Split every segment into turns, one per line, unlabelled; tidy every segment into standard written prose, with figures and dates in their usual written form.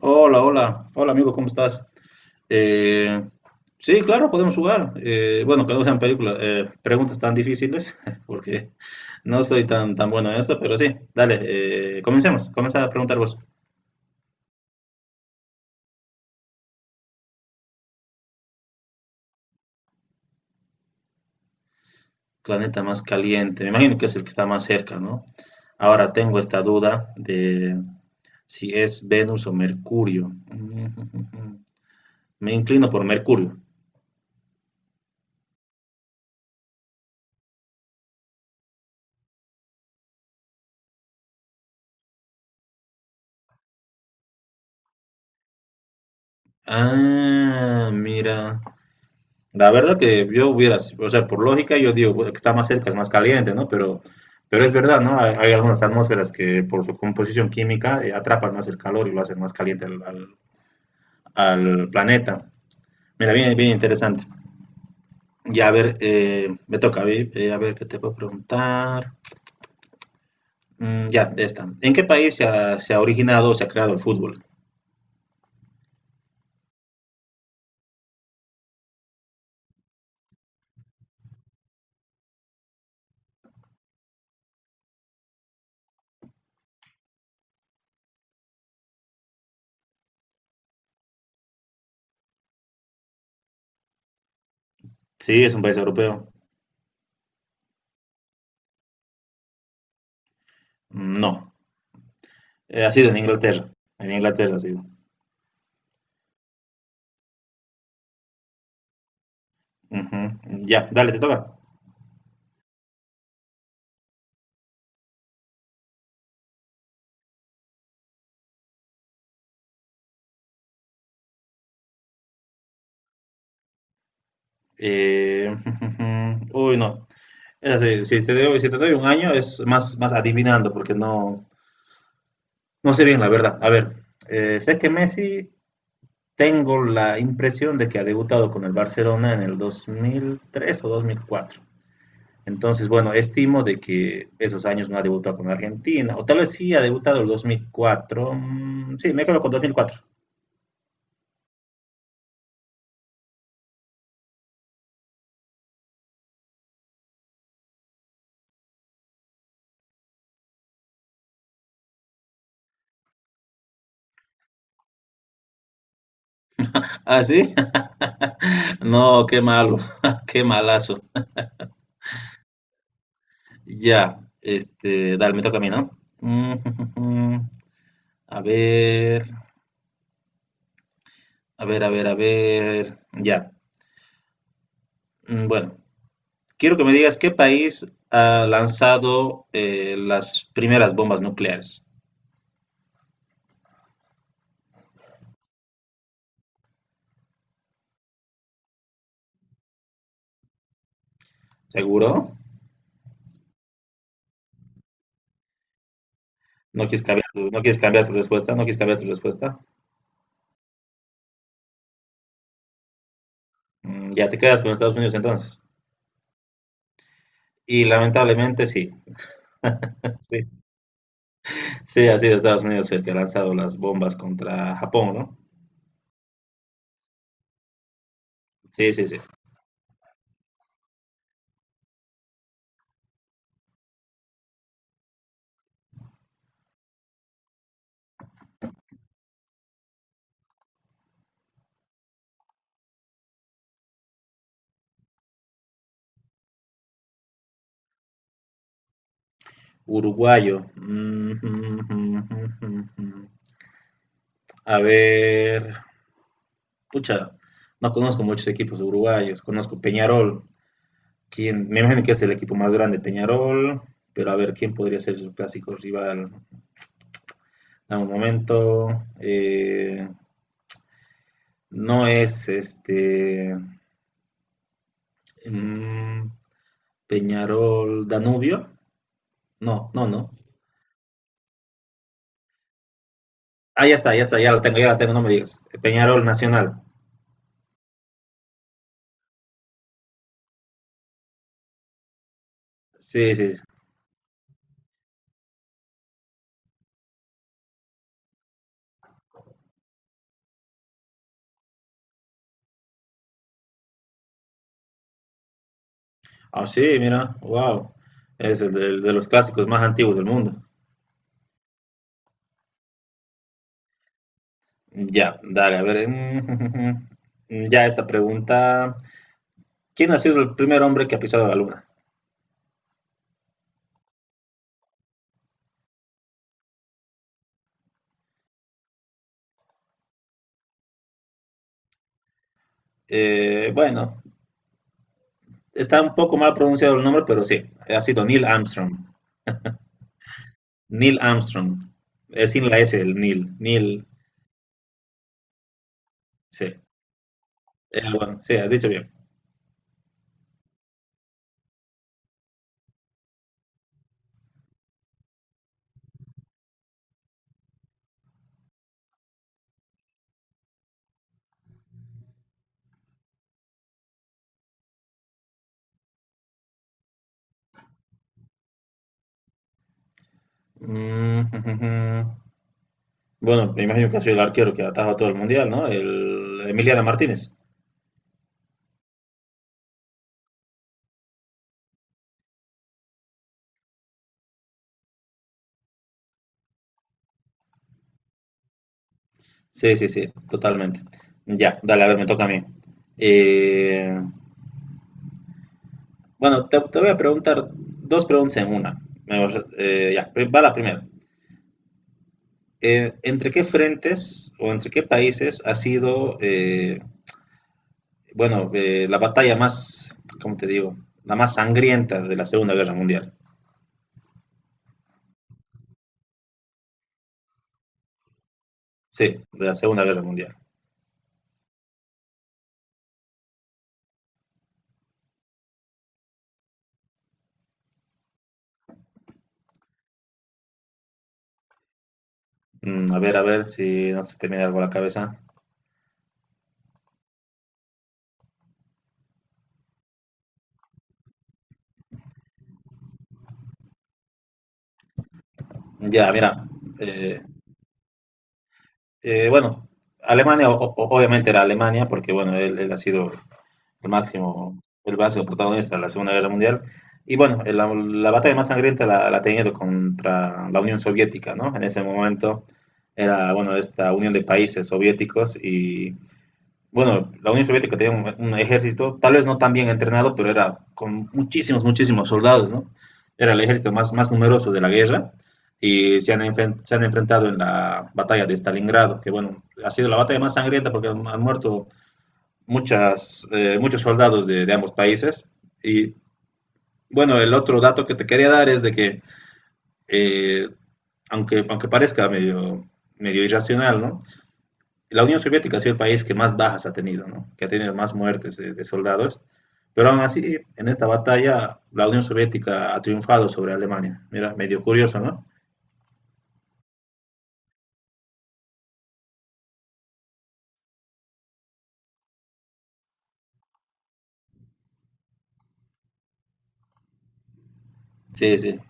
Hola, hola, hola amigo, ¿cómo estás? Eh, sí, claro, podemos jugar. Bueno, que no sean películas, preguntas tan difíciles, porque no soy tan bueno en esto, pero sí, dale, comencemos. Comienza a preguntar vos. Planeta más caliente, me imagino que es el que está más cerca, ¿no? Ahora tengo esta duda de si es Venus o Mercurio. Me inclino por Mercurio. Ah, mira. La verdad que yo hubiera, o sea, por lógica yo digo, bueno, que está más cerca, es más caliente, ¿no? Pero es verdad, ¿no? Hay algunas atmósferas que por su composición química atrapan más el calor y lo hacen más caliente al planeta. Mira, bien, bien interesante. Ya, a ver, me toca, a ver qué te puedo preguntar. Ya, esta. ¿En qué país se ha originado o se ha creado el fútbol? Sí, es un país europeo. Mm, no. Ha sido en Inglaterra. En Inglaterra ha sido. Ujú. Ya, dale, te toca. Eh, uy, no. Es así, si te doy un año es más, más adivinando porque no, no sé bien la verdad. A ver, sé que Messi tengo la impresión de que ha debutado con el Barcelona en el 2003 o 2004. Entonces, bueno, estimo de que esos años no ha debutado con Argentina, o tal vez sí ha debutado el 2004. Mm, sí, me quedo con 2004. ¿Ah, sí? No, qué malo, qué malazo. Ya, este, dale, me toca a mí, ¿no? Mm, a ver, a ver. Ya. Mm, bueno, quiero que me digas qué país ha lanzado las primeras bombas nucleares. ¿Seguro? ¿No quieres cambiar tu respuesta? ¿No quieres cambiar tu respuesta? Mm, ya te quedas con Estados Unidos entonces. Y lamentablemente sí. Sí, sí, ha sido Estados Unidos el que ha lanzado las bombas contra Japón, ¿no? Sí, sí, sí. Uruguayo. A ver, pucha, no conozco muchos equipos uruguayos. Conozco Peñarol. Quién me imagino que es el equipo más grande, Peñarol. Pero a ver, ¿quién podría ser su clásico rival? Dame un momento. Eh, no es este mm, Peñarol Danubio. No, no, no. Ah, ya está, ya está, ya la tengo, no me digas. Peñarol Nacional. Sí, sí, sí. Ah, sí, mira, wow. Es el de los clásicos más antiguos del mundo. Ya, dale, a ver. Mm, ya esta pregunta. ¿Quién ha sido el primer hombre que ha pisado la luna? Bueno, está un poco mal pronunciado el nombre, pero sí, ha sido Neil Armstrong. Neil Armstrong. Es sin la S, el Neil. Neil, sí. Bueno, sí, has dicho bien. Mm, bueno, me imagino que ha sido el arquero que ha atajado todo el mundial, ¿no? El Emiliano Martínez. Sí, sí, sí, totalmente. Ya, dale, a ver, me toca a mí. Eh, bueno, te voy a preguntar dos preguntas en una. Ya, va la primera. ¿Entre qué frentes o entre qué países ha sido, bueno, la batalla más, ¿cómo te digo? La más sangrienta de la Segunda Guerra Mundial. Sí, de la Segunda Guerra Mundial. Mm, a ver si no se te viene algo a la cabeza. Ya, mira, eh, bueno, Alemania, obviamente era Alemania, porque bueno, él ha sido el ha sido protagonista de la Segunda Guerra Mundial. Y bueno, la batalla más sangrienta la ha tenido contra la Unión Soviética, ¿no? En ese momento era, bueno, esta unión de países soviéticos y bueno, la Unión Soviética tenía un ejército, tal vez no tan bien entrenado, pero era con muchísimos, muchísimos soldados, ¿no? Era el ejército más, más numeroso de la guerra y se han enfrentado en la batalla de Stalingrado, que bueno, ha sido la batalla más sangrienta porque han muerto muchas, muchos soldados de ambos países. Y bueno, el otro dato que te quería dar es de que, eh, aunque parezca medio, medio irracional, ¿no? La Unión Soviética ha sido el país que más bajas ha tenido, ¿no? Que ha tenido más muertes soldados, pero aún así, en esta batalla, la Unión Soviética ha triunfado sobre Alemania. Mira, medio curioso, ¿no? Sí, sí.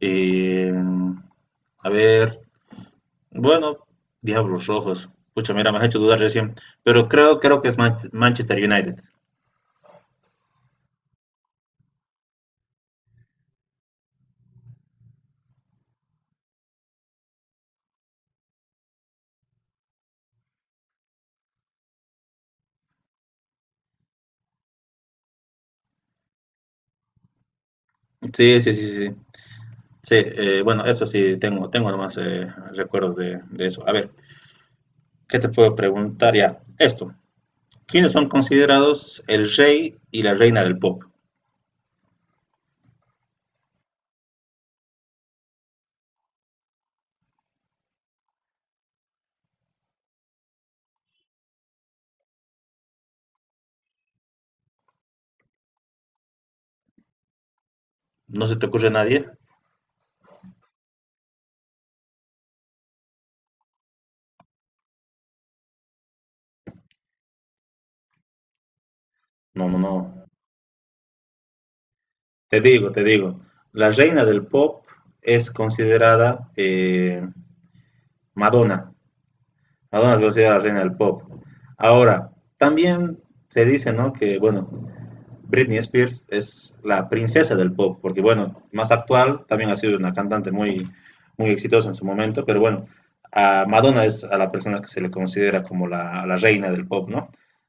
Eh, a ver, bueno, Diablos Rojos. Pucha, mira, me has hecho dudar recién, pero creo, creo que es Manchester United. Sí, sí, sí, sí. Sí, bueno, eso sí, tengo, tengo nomás recuerdos de eso. A ver, ¿qué te puedo preguntar ya? Esto, ¿quiénes son considerados el rey y la reina del pop. ¿No se te ocurre a nadie? No, no, no. Te digo, te digo. La reina del pop es considerada Madonna. Madonna es considerada la reina del pop. Ahora, también se dice, ¿no? Que, bueno, Britney Spears es la princesa del pop, porque bueno, más actual, también ha sido una cantante muy, muy exitosa en su momento, pero bueno, a Madonna es a la persona que se le considera como la reina del pop, ¿no?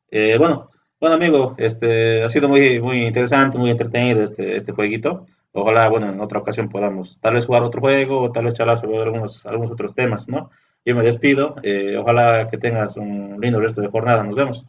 Bueno, bueno amigo, este, ha sido muy, muy interesante, muy entretenido este, este jueguito. Ojalá, bueno, en otra ocasión podamos tal vez jugar otro juego o tal vez charlar sobre algunos, algunos otros temas, ¿no? Yo me despido, ojalá que tengas un lindo resto de jornada, nos vemos.